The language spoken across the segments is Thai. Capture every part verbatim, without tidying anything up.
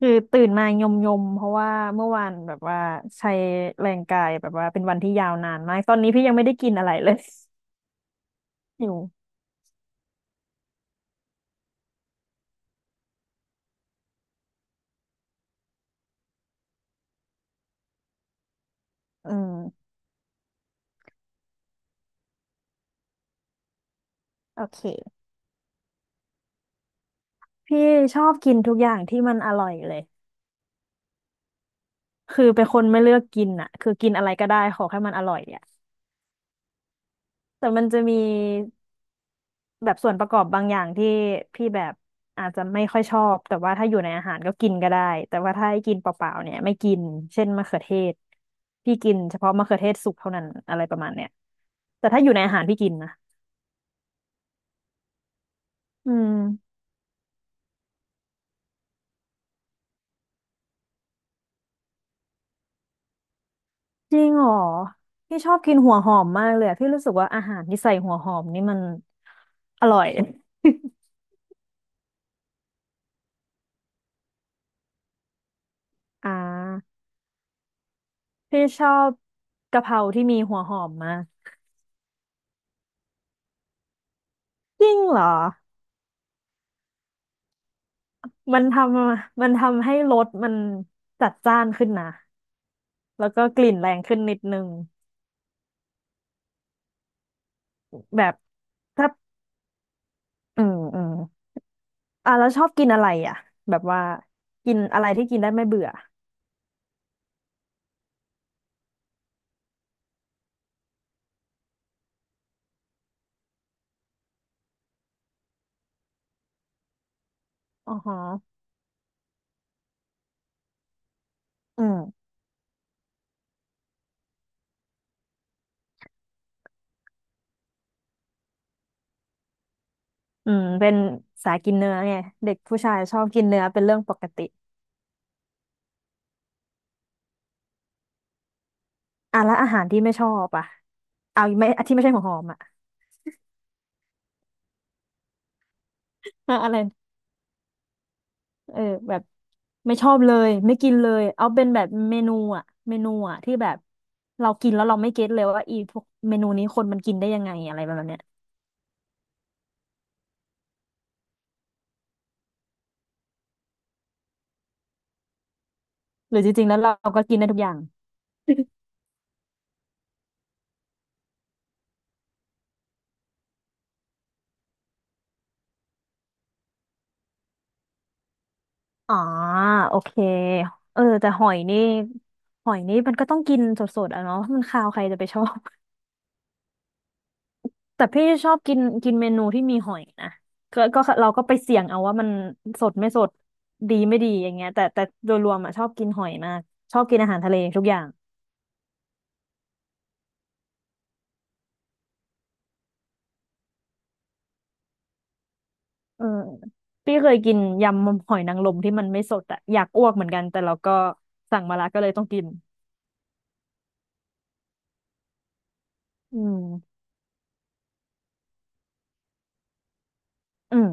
คือตื่นมายมยมเพราะว่าเมื่อวานแบบว่าใช้แรงกายแบบว่าเป็นวันที่ยาวนานมากตอนนี้พี่ยังไม่ได้กินอะไรเลย อยู่อืมโอเคพี่ชอบกินทุกอย่างที่มันอร่อยเลยคือเป็นคนไม่เลือกกินอ่ะคือกินอะไรก็ได้ขอแค่มันอร่อยอ่ะแต่มันจะมี แบบส่วนประกอบบางอย่างที่พี่แบบอาจจะไม่ค่อยชอบแต่ว่าถ้าอยู่ในอาหารก็กินก็ได้แต่ว่าถ้าให้กินเปล่าๆเนี่ยไม่กินเช่นมะเขือเทศพี่กินเฉพาะมะเขือเทศสุกเท่านั้นอะไรประมาณเนี้ยแต่ถ้าอยู่ในอาหารพี่กินนะอืมจริงเหรอพี่ชอบกินหัวหอมมากเลยอะพี่รู้สึกว่าอาหารที่ใส่หัวหอมนี่มันอร่อย อ่าพี่ชอบกะเพราที่มีหัวหอมมากจริงเหรอ มันทำมันทำให้รสมันจัดจ้านขึ้นนะแล้วก็กลิ่นแรงขึ้นนิดนึงแบบถ้าอืมอืมอ่ะแล้วชอบกินอะไรอ่ะแบบว่ากินอะไรที่กินได้ไม่เบื่ออ๋อฮะอืมอืมเป็นสายกินเนื้อไงเด็กผู้ชายชอบกินเนื้อเป็นเรื่องปกติอ่ะแล้วอาหารที่ไม่ชอบอ่ะเอาไม่ที่ไม่ใช่หัวหอมอ่ะ อะไร เออแบบไม่ชอบเลยไม่กินเลยเอาเป็นแบบเมนูอะเมนูอะที่แบบเรากินแล้วเราไม่เก็ตเลยว่าอีพวกเมนูนี้คนมันกินได้ยังไงอะไรประมาณเนี้ยหรือจริงๆแล้วเราก็กินได้ทุกอย่างอ๋อโอเคเออแต่หอยนี่หอยนี่มันก็ต้องกินสดๆอ่ะเนาะมันคาวใครจะไปชอบ แต่พี่ชอบกินกินเมนูที่มีหอยนะก็ก็เราก็ไปเสี่ยงเอาว่ามันสดไม่สดดีไม่ดีอย่างเงี้ยแต่แต่โดยรวมอ่ะชอบกินหอยมากชอบกินอาหารทะเลทุกอย่าง เออพี่เคยกินยำหอยนางรมที่มันไม่สดอะอยากอ้วกเหมือนกันแต่เราก็สั่งมาละก็เลยต้องกินอืมอืม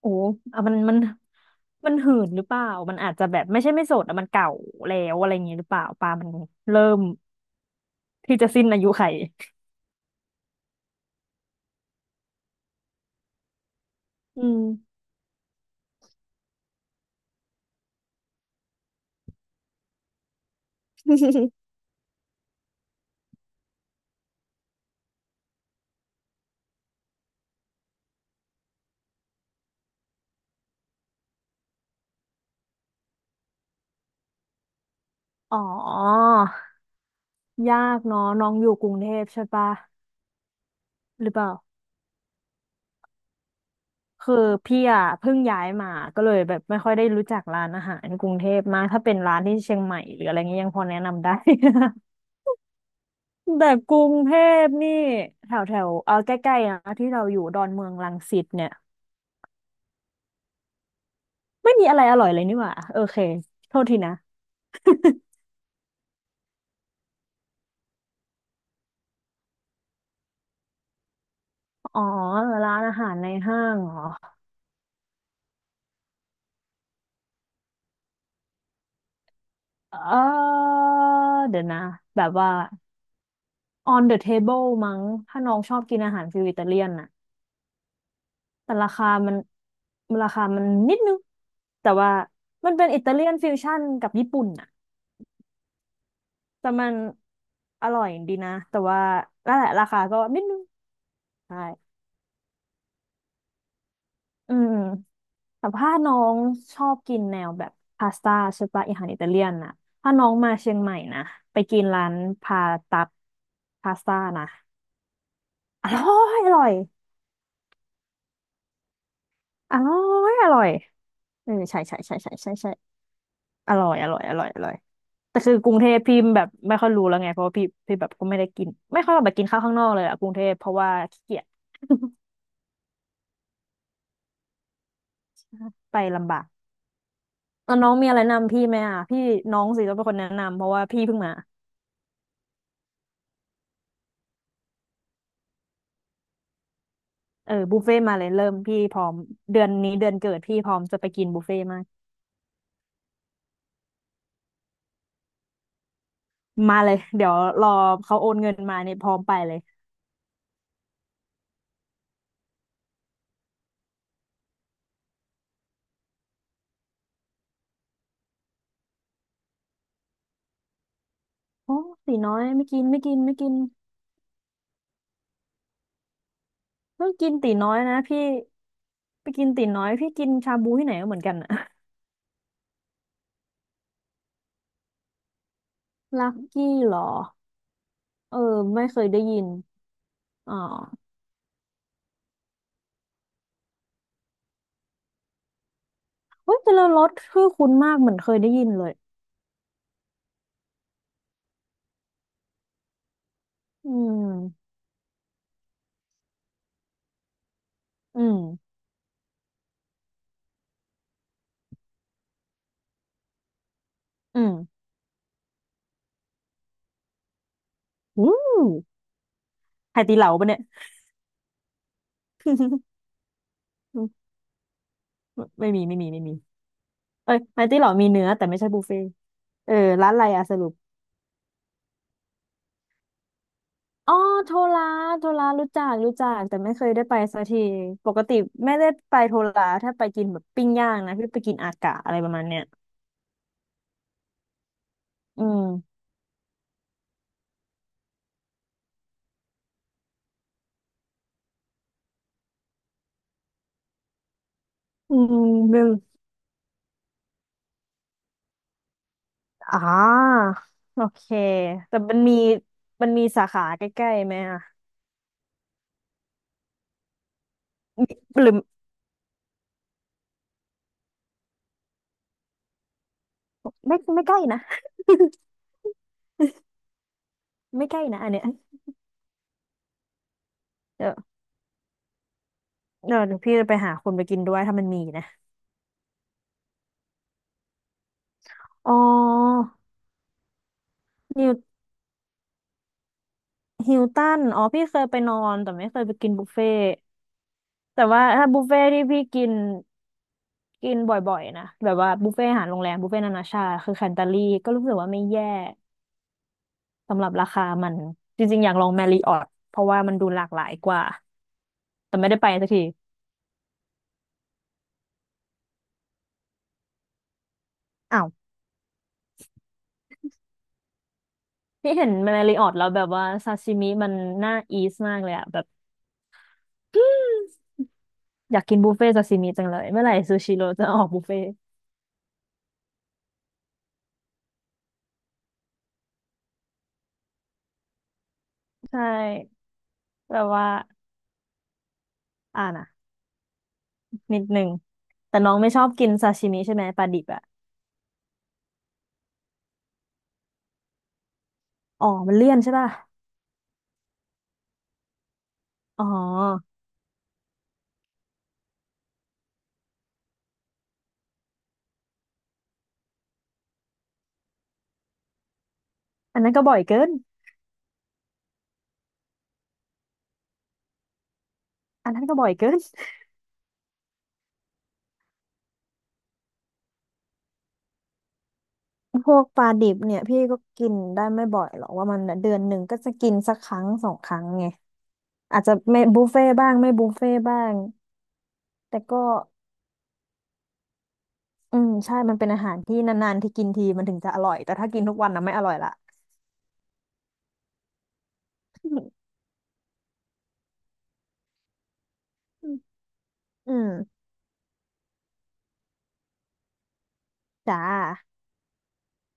โอ้อ่ะมันมันมันหืนหรือเปล่ามันอาจจะแบบไม่ใช่ไม่สดอะมันเก่าแล้วอะไรอย่างงี้หรือเปล่าปลามันเริ่มที่จะสิ้นอายุไขอืม อ๋อยากเนาะน้องอยู่กรุงเทพใช่ปะหรือเปล่า คือพี่อ่ะเพิ่งย้ายมาก็เลยแบบไม่ค่อยได้รู้จักร้านอาหารกรุงเทพมากถ้าเป็นร้านที่เชียงใหม่หรืออะไรเงี้ยยังพอแนะนำได้ แต่กรุงเทพนี่แถวแถวเออใกล้ๆนะที่เราอยู่ดอนเมืองรังสิตเนี่ยไม่มีอะไรอร่อยเลยนี่หว่าโอเคโทษทีนะอ๋อร้านอาหารในห้างเหรอเออเดี๋ยวนะแบบว่า on the table มั้งถ้าน้องชอบกินอาหารฟิวอิตาเลียนนะ แต่ราคามันราคามันนิดนึงแต่ว่ามันเป็นอิตาเลียนฟิวชั่นกับญี่ปุ่นน่ะแต่มันอร่อยดีนะแต่ว่านั่นแหละราคาก็นิดนึงใช่อืมแต่ถ้าน้องชอบกินแนวแบบพาสต้าใช่ปะอาหารอิตาเลียนน่ะถ้าน้องมาเชียงใหม่นะไปกินร้านพาตัดพาสต้านะอร่อยอร่อยอร่อยอร่อยเออใช่ใช่ใช่ใช่ใช่ใช่อร่อยอร่อยอร่อยอร่อย แต่คือกรุงเทพพี่แบบไม่ค่อยรู้แล้วไงเพราะว่าพี่พี่แบบก็ไม่ได้กินไม่ค่อยแบบกินข้าวข้างนอกเลยอะกรุงเทพเพราะว่าขี้เกียจ ไปลำบากแล้วน้องมีอะไรแนะนำพี่ไหมอ่ะพี่น้องสิต้องเป็นคนแนะนำเพราะว่าพี่เพิ่งมาเออบุฟเฟ่ต์มาเลยเริ่มพี่พร้อมเดือนนี้เดือนเกิดพี่พร้อมจะไปกินบุฟเฟ่ต์มากมาเลยเดี๋ยวรอเขาโอนเงินมาเนี่ยพร้อมไปเลยโอ้ตีน้อยไม่กินไม่กินไม่กินเพิ่งกินตีน้อยนะพี่ไปกินตีน้อยพี่กินชาบูที่ไหนก็เหมือนกันอะ ลักกี้เหรอ เออไม่เคยได้ยินอ๋อเฮ้ยแต่ละรสชื่อคุ้นมากเหมือนเคยได้ยินเลยอืมอืมอืมอู้ไฮตีเหลาปะเนี่ยอืมไม่มีไม่มีไม่มีเอ้ยไฮตีเหลามีเนื้อแต่ไม่ใช่บุฟเฟ่ต์เออร้านอะไรอะสรุปอ๋อโทราโทรารู้จักรู้จักแต่ไม่เคยได้ไปสักทีปกติไม่ได้ไปโทราถ้าไปกินแบบปิ้งย่างนะพี่ไปกินอากะอะไรประมาณเนี้ยอืมอืม อ๋อโอเคแต่มันมีมันมีสาขาใกล้ๆไหมอ่ะมีหรือไม่ไม่ใกล้นะ ไม่ใกล้นะอันเนี้ยเดี๋ยวเดี๋ยวเดี๋ยวพี่จะไปหาคนไปกินด้วยถ้ามันมีนะอ๋อนิวฮิลตันอ๋อพี่เคยไปนอนแต่ไม่เคยไปกินบุฟเฟ่ต์แต่ว่าถ้าบุฟเฟ่ต์ที่พี่กินกินบ่อยๆนะแบบว่าบุฟเฟ่ต์อาหารโรงแรมบุฟเฟ่ต์นานาชาติคือแคนตาลีก็รู้สึกว่าไม่แย่สำหรับราคามันจริงๆอยากลองแมริออทเพราะว่ามันดูหลากหลายกว่าแต่ไม่ได้ไปสักที อ้าวพี่เห็นแมรี่ออตแล้วแบบว่าซาซิมิมันน่าอีสมากเลยอะแบบ อยากกินบุฟเฟ่ต์ซาซิมิจังเลยเมื่อไหร่ซูชิโร่จะออกบุฟเฟ่ต์ใช่แบบว่าอ่านะนิดหนึ่งแต่น้องไม่ชอบกินซาชิมิใช่ไหมปลาดิบอะอ๋อมันเลี่ยนใช่ป่ะอ๋ออันนั้นก็บ่อยเกินอันนั้นก็บ่อยเกิน พวกปลาดิบเนี่ยพี่ก็กินได้ไม่บ่อยหรอกว่ามันเดือนหนึ่งก็จะกินสักครั้งสองครั้งไงอาจจะไม่บุฟเฟ่บ้างไม่บุฟเฟ่บ้างแต่ก็ อืมใช่มันเป็นอาหารที่นานๆที่กินทีมันถึงจะอร่อยแต่ถ้ากินทุกวันนะไม่อร่อยละ อืมอืมจ้า